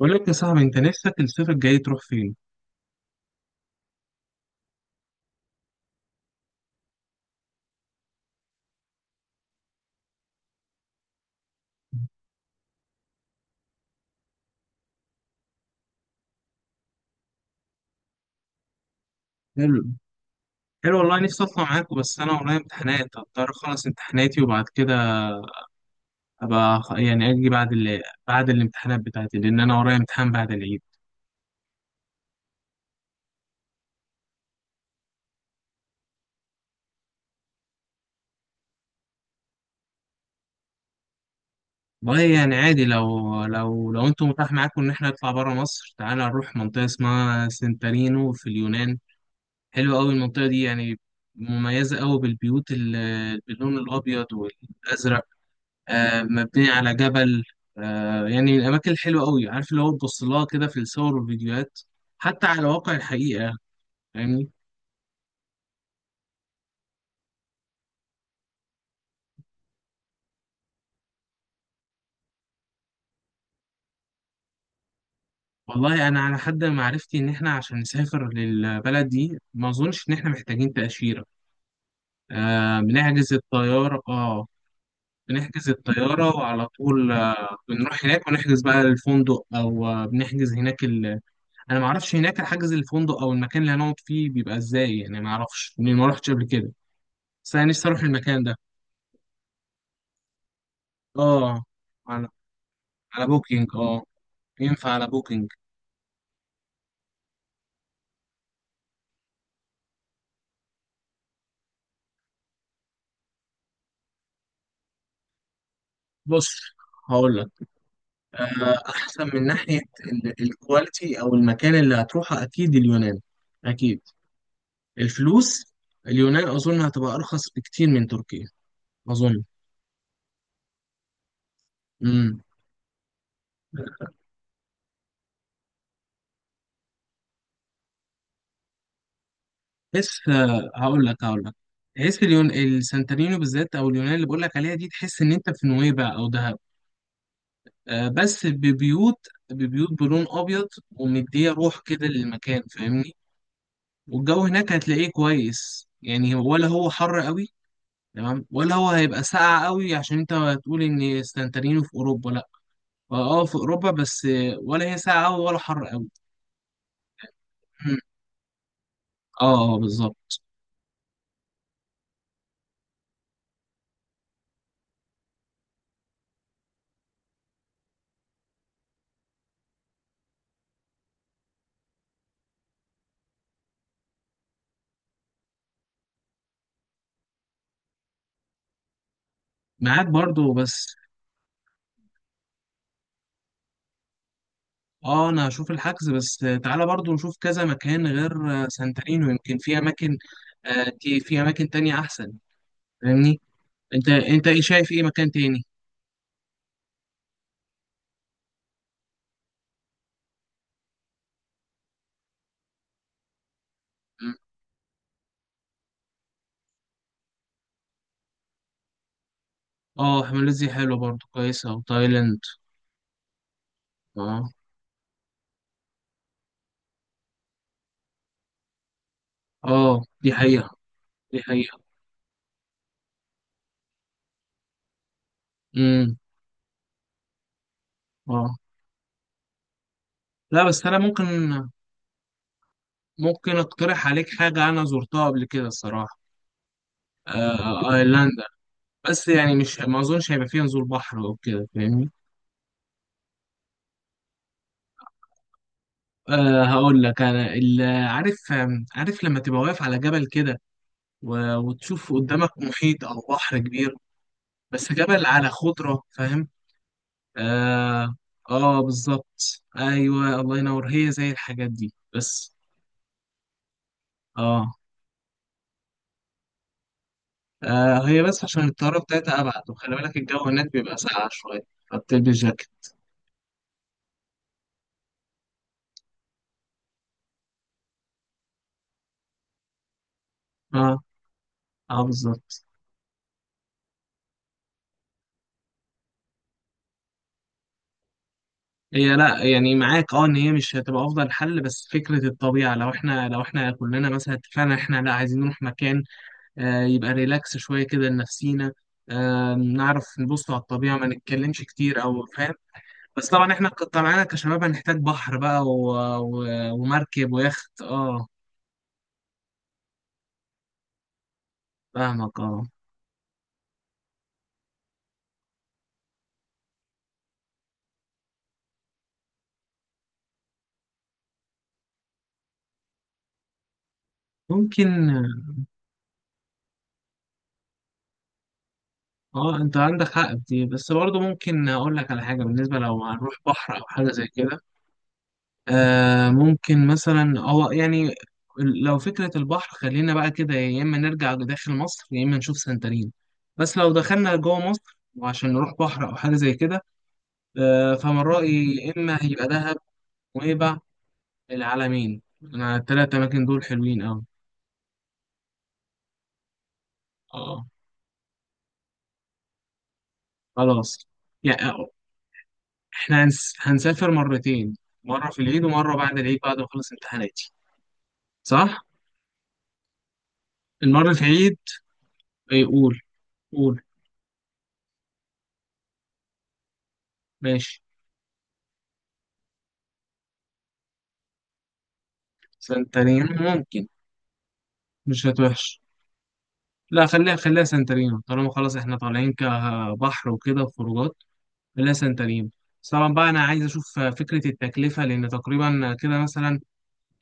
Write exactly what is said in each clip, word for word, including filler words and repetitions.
بقول لك يا صاحبي، انت نفسك الصيف الجاي تروح فين؟ حلو. حلو والله، نفسي اطلع معاك بس انا ورايا امتحانات، هضطر اخلص امتحاناتي وبعد كده ابقى خ- يعني اجي بعد ال... بعد الامتحانات بتاعتي، لان انا ورايا امتحان بعد العيد. والله يعني عادي، لو لو لو انتم متاح معاكم ان احنا نطلع بره مصر، تعالى نروح منطقه اسمها سنتارينو في اليونان. حلوه قوي المنطقه دي يعني، مميزه قوي بالبيوت ال- باللون الابيض والازرق. آه، مبنية على جبل. آه، يعني الأماكن الحلوة أوي، عارف اللي هو تبص لها كده في الصور والفيديوهات، حتى على واقع الحقيقة. فاهمني؟ والله أنا على حد معرفتي إن إحنا عشان نسافر للبلد دي ما أظنش إن إحنا محتاجين تأشيرة. آه، بنحجز الطيارة. آه، بنحجز الطيارة وعلى طول آه، بنروح هناك ونحجز بقى الفندق، أو آه، بنحجز هناك ال... أنا معرفش هناك حجز الفندق أو المكان اللي هنقعد فيه بيبقى إزاي، يعني معرفش، ما روحتش قبل كده. بس أنا نفسي أروح المكان ده. اه. على. على بوكينج اه. ينفع على بوكينج. بص، هقول لك. آه، احسن من ناحيه ال- الكواليتي او المكان اللي هتروحه، اكيد اليونان. اكيد. الفلوس. اليونان اظن هتبقى ارخص بكتير من تركيا. اظن. امم بس آه، هقول لك هقول لك، تحس اليون السانتورينو بالذات، او اليونان اللي بقول لك عليها دي، تحس ان انت في نويبع او دهب. آه، بس ببيوت، ببيوت بلون ابيض، ومديه روح كده للمكان. فاهمني؟ والجو هناك هتلاقيه كويس يعني، ولا هو حر قوي؟ تمام، ولا هو هيبقى ساقع قوي؟ عشان انت هتقول ان سانتارينو في اوروبا، لا اه في اوروبا، بس ولا هي ساقعه قوي ولا حر قوي. اه اه، بالظبط. معاك برضو بس. اه انا هشوف الحجز، بس تعالى برضو نشوف كذا مكان غير سانتارينو، يمكن في اماكن آه، تي- في اماكن تانية احسن. فاهمني؟ انت انت ايه شايف، ايه مكان تاني؟ مم. اه، ماليزيا حلوة برضو، كويسة، وتايلاند. اه. اه دي حقيقة. دي حقيقة. امم. اه لا، بس انا ممكن ممكن اقترح عليك حاجه انا زرتها قبل كده الصراحه. آه، ايرلندا. بس يعني مش، ما اظنش هيبقى فيها نزول بحر او كده. فاهمني؟ آه هقول لك انا ال- عارف، عارف لما تبقى واقف على جبل كده و- وتشوف قدامك محيط او بحر كبير، بس جبل على خضره. فاهم؟ اه اه بالظبط، ايوه الله ينور، هي زي الحاجات دي بس. اه. آه هي بس عشان الطيارة بتاعتها أبعد، وخلي بالك الجو هناك بيبقى ساقع شوية، فبتلبس جاكيت. اه. اه بالظبط. هي لا يعني معاك اه، ان هي مش هتبقى افضل حل، بس فكره الطبيعه لو احنا، لو احنا كلنا مثلا اتفقنا احنا لا، عايزين نروح مكان، آه يبقى ريلاكس شويه كده لنفسينا، آه نعرف نبص على الطبيعه، ما نتكلمش كتير او فاهم. بس طبعا احنا ك- طبعا كشباب هنحتاج بحر بقى و... و... ومركب ويخت، اه. فاهمك اه. ممكن. اه انت عندك حق في دي، بس برضه ممكن اقول لك على حاجه بالنسبه لو هنروح بحر او حاجه زي كده. آه ممكن مثلا هو يعني، لو فكره البحر خلينا بقى كده، يا اما نرجع داخل مصر يا اما نشوف سنترين. بس لو دخلنا جوه مصر وعشان نروح بحر او حاجه زي كده، آه فمن رايي يا اما هيبقى دهب ونويبع العلمين، انا التلات اماكن دول حلوين قوي. اه. خلاص. يعني احنا هنس- هنسافر مرتين، مره في العيد ومره بعد العيد بعد ما اخلص امتحاناتي. صح؟ المرة في عيد. إيه، قول. قول. ماشي. سانتارينو. ممكن. مش هتوحش. لا خليها، خليها سانتارينو، طالما خلاص احنا طالعين كبحر وكده وخروجات، خليها سانتارينو. بس طبعا بقى انا عايز اشوف فكرة التكلفة، لان تقريبا كده مثلا،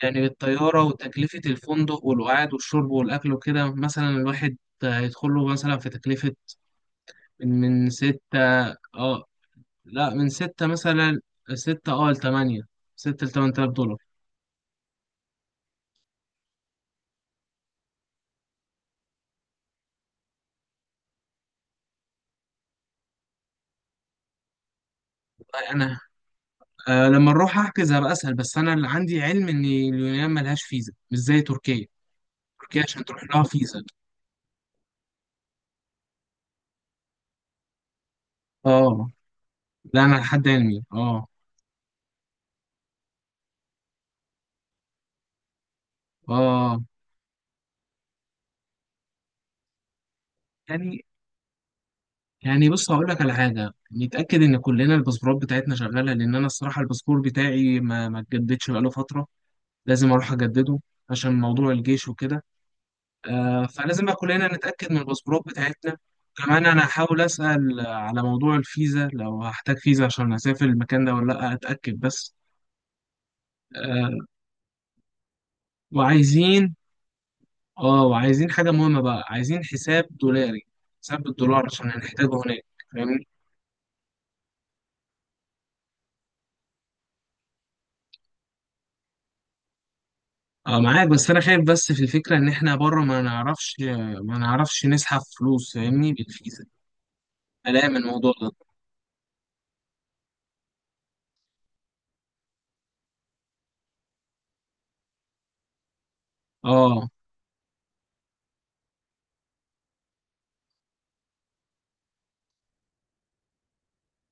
يعني بالطيارة وتكلفة الفندق والقعد والشرب والاكل وكده، مثلا الواحد هيدخل له مثلا في تكلفة من من ستة. اه لا من ستة مثلا، ستة اه لتمانية، ستة لتمن تلاف دولار. انا، أه لما نروح احجز هبقى اسال، بس انا اللي عندي علم ان اليونان ملهاش فيزا مش زي تركيا. تركيا عشان تروح لها فيزا. اه. لا انا لحد علمي اه. اه يعني. يعني بص هقول لك على حاجه. نتاكد ان كلنا الباسبورات بتاعتنا شغاله، لان انا الصراحه الباسبور بتاعي ما ما اتجددش بقاله فتره. لازم اروح اجدده عشان موضوع الجيش وكده. آه فلازم بقى كلنا نتاكد من الباسبورات بتاعتنا. كمان انا هحاول اسال على موضوع الفيزا لو هحتاج فيزا عشان اسافر المكان ده ولا لا، اتاكد بس. آه. وعايزين، اه وعايزين حاجة مهمة بقى، عايزين حساب دولاري، حساب بالدولار عشان هنحتاجه هناك. فاهمني؟ اه معاك، بس انا خايف بس في الفكرة ان احنا بره ما نعرفش، ما نعرفش نسحب فلوس. فاهمني؟ بالفيزا. قلقان من الموضوع ده. اه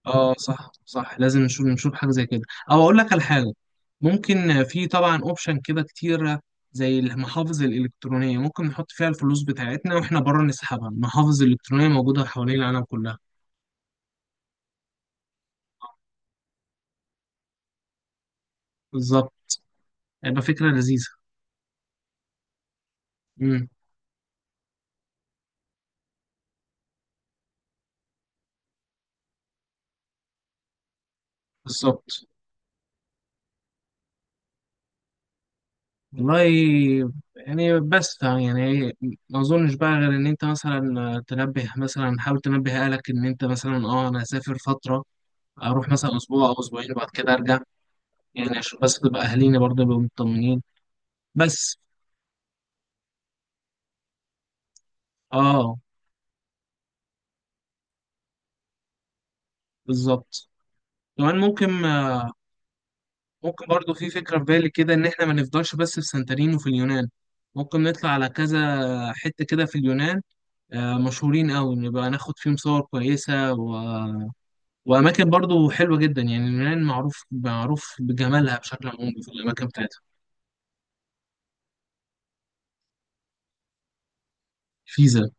اه صح، صح لازم نشوف، نشوف حاجة زي كده. او اقول لك على حاجة، ممكن في طبعا اوبشن كده كتير، زي المحافظ الالكترونية ممكن نحط فيها الفلوس بتاعتنا واحنا بره نسحبها، المحافظ الالكترونية موجودة حوالين العالم كلها. بالظبط. هيبقى فكرة لذيذة. امم. بالظبط. والله يعني، بس يعني ما اظنش بقى غير ان انت مثلا تنبه، مثلا حاول تنبه اهلك ان انت مثلا، اه انا هسافر فتره، اروح مثلا اسبوع او اسبوعين وبعد كده ارجع، يعني عشان بس تبقى اهالينا برضه يبقوا مطمنين. بس. اه بالظبط. كمان ممكن، ممكن برضه في فكره في بالي كده ان احنا ما نفضلش بس في سانتوريني وفي اليونان، ممكن نطلع على كذا حته كده في اليونان آه، مشهورين قوي، نبقى ناخد فيهم صور كويسة و... وأماكن برضو حلوة جدا. يعني اليونان معروف، معروف بجمالها بشكل عمومي في الأماكن بتاعتها. الفيزا.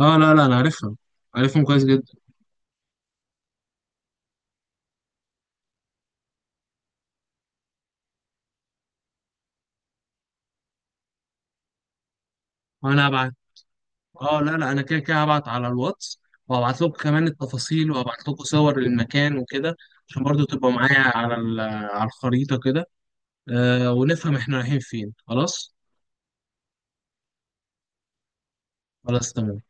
اه لا لا أنا عارفها، عارفهم كويس جدا. أنا هبعت. اه لا لا، أنا كده كده هبعت على الواتس، وهبعت لكم كمان التفاصيل، وهبعت لكم صور للمكان وكده، عشان برضو تبقى معايا على ال- على الخريطة كده. آه ونفهم احنا رايحين فين. خلاص. خلاص. تمام.